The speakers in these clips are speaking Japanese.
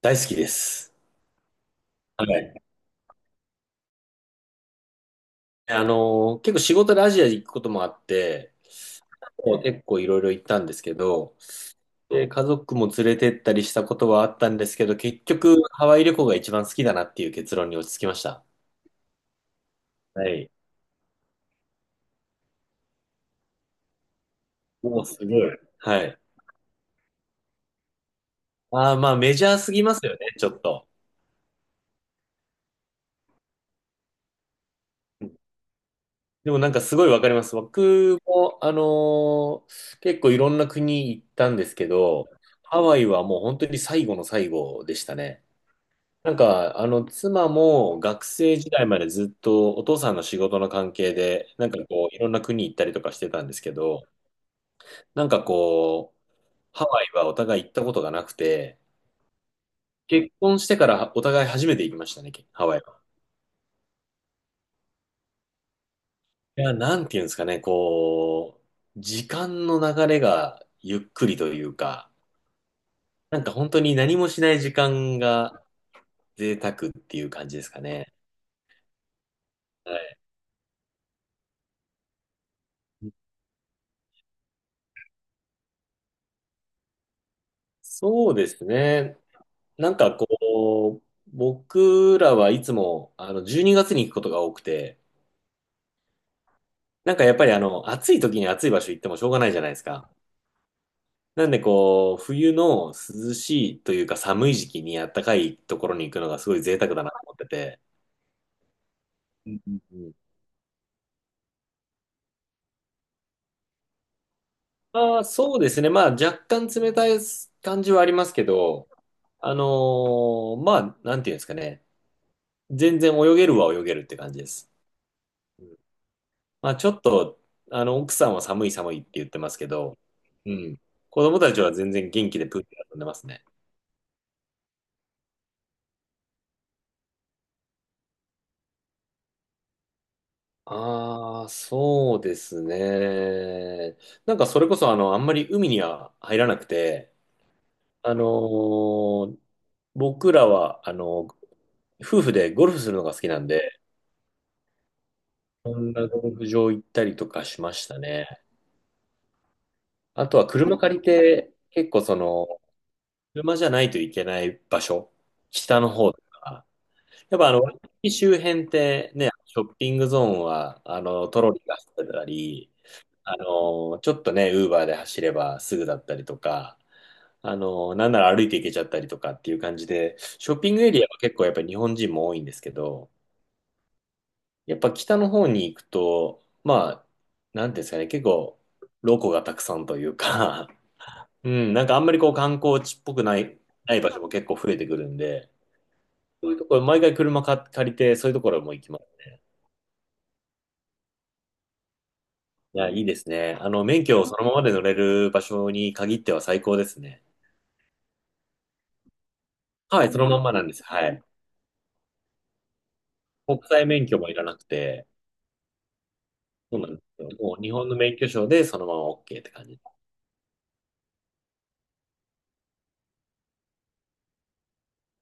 大好きです。はい。結構仕事でアジア行くこともあって、もう結構いろいろ行ったんですけど、で、家族も連れてったりしたことはあったんですけど、結局ハワイ旅行が一番好きだなっていう結論に落ち着きました。はい。もうすごい。はい。ああ、まあメジャーすぎますよね、ちょっと。うん。でもなんかすごいわかります。僕も、結構いろんな国行ったんですけど、ハワイはもう本当に最後の最後でしたね。なんか、あの、妻も学生時代までずっとお父さんの仕事の関係で、なんかこう、いろんな国行ったりとかしてたんですけど、なんかこう、ハワイはお互い行ったことがなくて、結婚してからお互い初めて行きましたね、ハワイは。いや、なんていうんですかね、こう、時間の流れがゆっくりというか、なんか本当に何もしない時間が贅沢っていう感じですかね。はい。そうですね。なんかこう、僕らはいつもあの12月にがつに行くことが多くて、なんかやっぱりあの暑い時に暑い場所行ってもしょうがないじゃないですか。なんでこう、冬の涼しいというか寒い時期にあったかいところに行くのがすごい贅沢だなと思ってて。うんうんうん。あー、そうですね。まあ若干冷たい感じはありますけど、まあなんていうんですかね。全然泳げるは泳げるって感じです。まあ、ちょっと、あの、奥さんは寒い寒いって言ってますけど、うん。子供たちは全然元気でプールで遊んでますね。ああ、そうですね。なんかそれこそあの、あんまり海には入らなくて、あのー僕らはあの、夫婦でゴルフするのが好きなんで、こんなゴルフ場行ったりとかしましたね。あとは車借りて、結構その、車じゃないといけない場所、北の方とか、やっぱあの、ワイキキ周辺ってね、ショッピングゾーンは、あの、トロリーが走ってたり、あの、ちょっとね、ウーバーで走ればすぐだったりとか、あの、なんなら歩いて行けちゃったりとかっていう感じで、ショッピングエリアは結構やっぱり日本人も多いんですけど、やっぱ北の方に行くと、まあ、なんていうんですかね、結構、ロコがたくさんというか、うん、なんかあんまりこう観光地っぽくない、ない場所も結構増えてくるんで、そういうところ、毎回車か借りて、そういうところも行きます。いや、いいですね。あの、免許をそのままで乗れる場所に限っては最高ですね。はい、そのまんまなんです。はい。国際免許もいらなくて、そうなんですよ。もう日本の免許証でそのまま OK って感じ。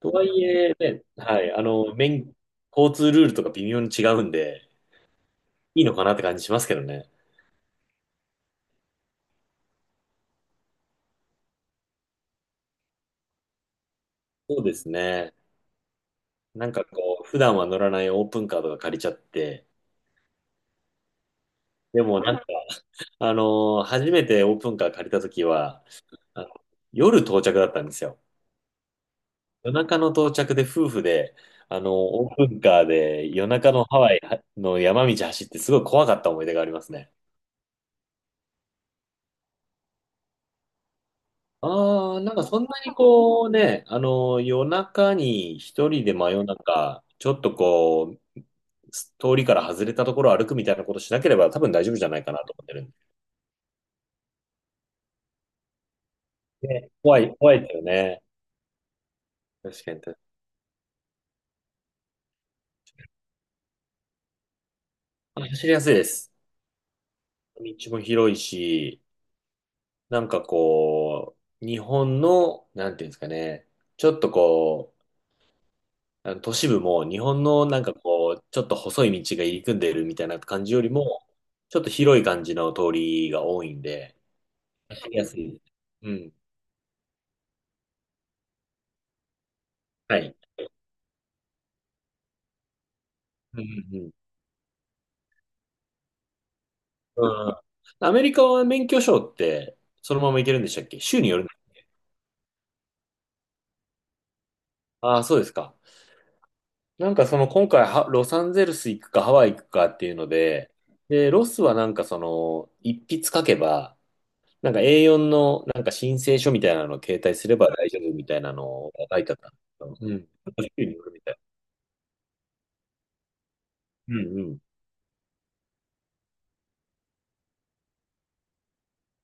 とはいえ、ね、はい、あの、免、交通ルールとか微妙に違うんで、いいのかなって感じしますけどね。そうですね。なんかこう、普段は乗らないオープンカーとか借りちゃって、でもなんか、あの、初めてオープンカー借りた時は、あの夜到着だったんですよ。夜中の到着で夫婦で、あの、オープンカーで夜中のハワイの山道走ってすごい怖かった思い出がありますね。ああ、なんかそんなにこうね、あの、夜中に一人で真夜中、ちょっとこう、通りから外れたところを歩くみたいなことしなければ多分大丈夫じゃないかなと思ってるんで。ね、怖いですよね。確かに。あ、走りやすいです。道も広いし、なんかこう、日本の、なんていうんですかね、ちょっとこう、あの都市部も日本のなんかこう、ちょっと細い道が入り組んでるみたいな感じよりも、ちょっと広い感じの通りが多いんで、走りやすい。うん。はい。うんうんうん。うん。アメリカは免許証ってそのまま行けるんでしたっけ、州によるの？ああー、そうですか。なんかその今回は、ロサンゼルス行くかハワイ行くかっていうので、で、ロスはなんかその、一筆書けば、なんか A4 のなんか申請書みたいなのを携帯すれば大丈夫みたいなのが書いてあったんですけど。うん。確かによるみたい。うんうん。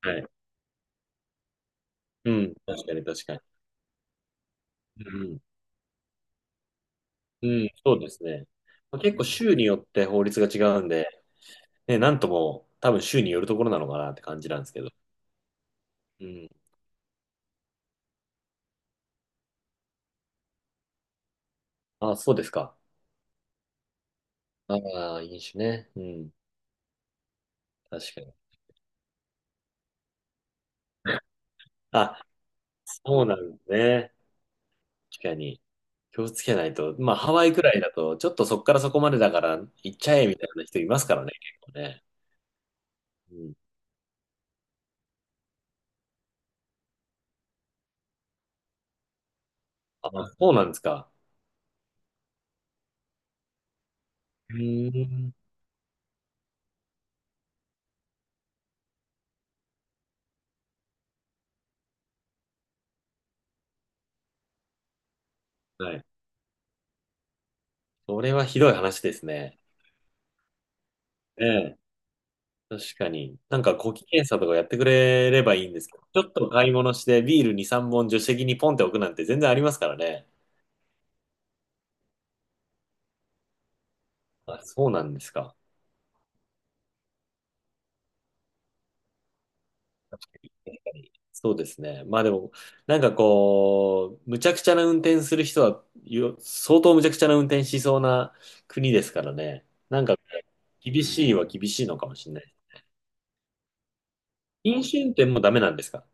はい。うん。確かに。うんうん。うん。そうですね。まあ、結構州によって法律が違うんで、ね、なんとも多分州によるところなのかなって感じなんですけど。うん。あ、そうですか。ああ、飲酒ね。うん。確かに。あ、そうなんですね。確かに。気をつけないと。まあ、ハワイくらいだと、ちょっとそこからそこまでだから行っちゃえみたいな人いますからね、結構ね。うん。あ、そうなんですか。うーん。はい。それはひどい話ですね。ええ。確かに。なんか、呼気検査とかやってくれればいいんですけど、ちょっと買い物してビール2、3本助手席にポンって置くなんて全然ありますからね。あ、そうなんですか。そうですね。まあでも、なんかこう、むちゃくちゃな運転する人は、よ相当むちゃくちゃな運転しそうな国ですからね。なんか厳しいは厳しいのかもしれない。飲酒運転もダメなんですか？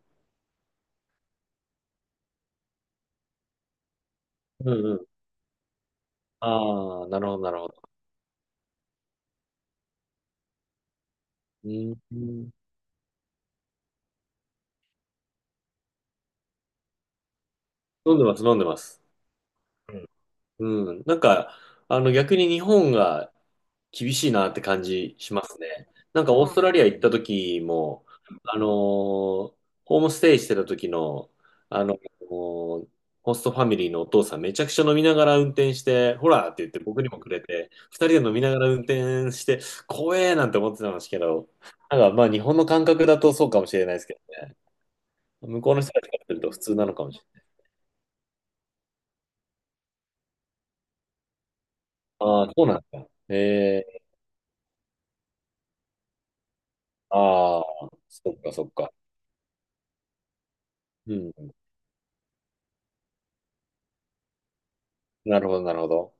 うんうん。ああ、なるほど、なるほど。うん。飲んでます、飲んでます。うん。うん。なんか、あの、逆に日本が厳しいなって感じしますね。なんかオーストラリア行った時も、あのーホームステイしてた時の、あのーホストファミリーのお父さんめちゃくちゃ飲みながら運転して、ほらって言って僕にもくれて、二人で飲みながら運転して、怖えなんて思ってたんですけど、なんかまあ日本の感覚だとそうかもしれないですけどね。向こうの人たちからすると普通なのかもしれない。ああ、そうなんだ。ええ。ああ、そっかそっか。うん。なるほど、なるほど。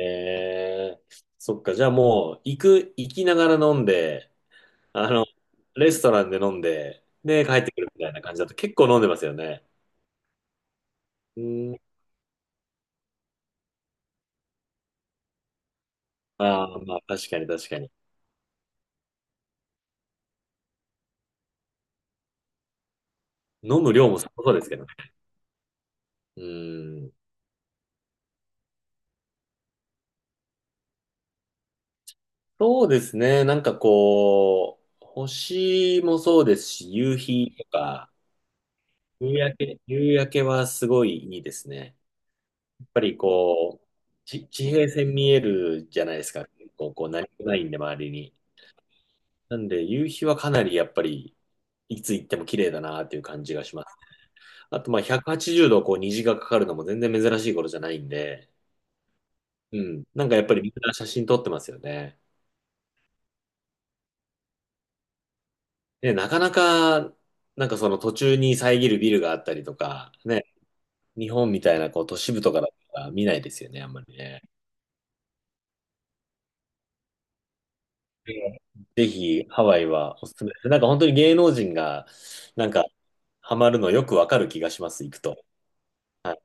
えー、そっか、じゃあもう、行きながら飲んで、あの、レストランで飲んで、で、帰ってくるみたいな感じだと結構飲んでますよね。うん。ああ、まあ、確かに確かに。飲む量もさそうですけどね。うん。そうですね。なんかこう、星もそうですし、夕日とか、夕焼けはすごいいいですね。やっぱりこう、ち地平線見えるじゃないですか。結構こう、何もないんで、周りに。なんで、夕日はかなりやっぱり、いつ行っても綺麗だなっていう感じがします。あと、まあ、180度こう虹がかかるのも全然珍しい頃じゃないんで、うん。なんかやっぱりみんな写真撮ってますよね。ね、なかなか、なんかその途中に遮るビルがあったりとか、ね、日本みたいなこう都市部とかだったら見ないですよね、あんまりね。ええ。ぜひ、ハワイはおすすめです。なんか本当に芸能人が、なんか、ハマるのよくわかる気がします、行くと。はい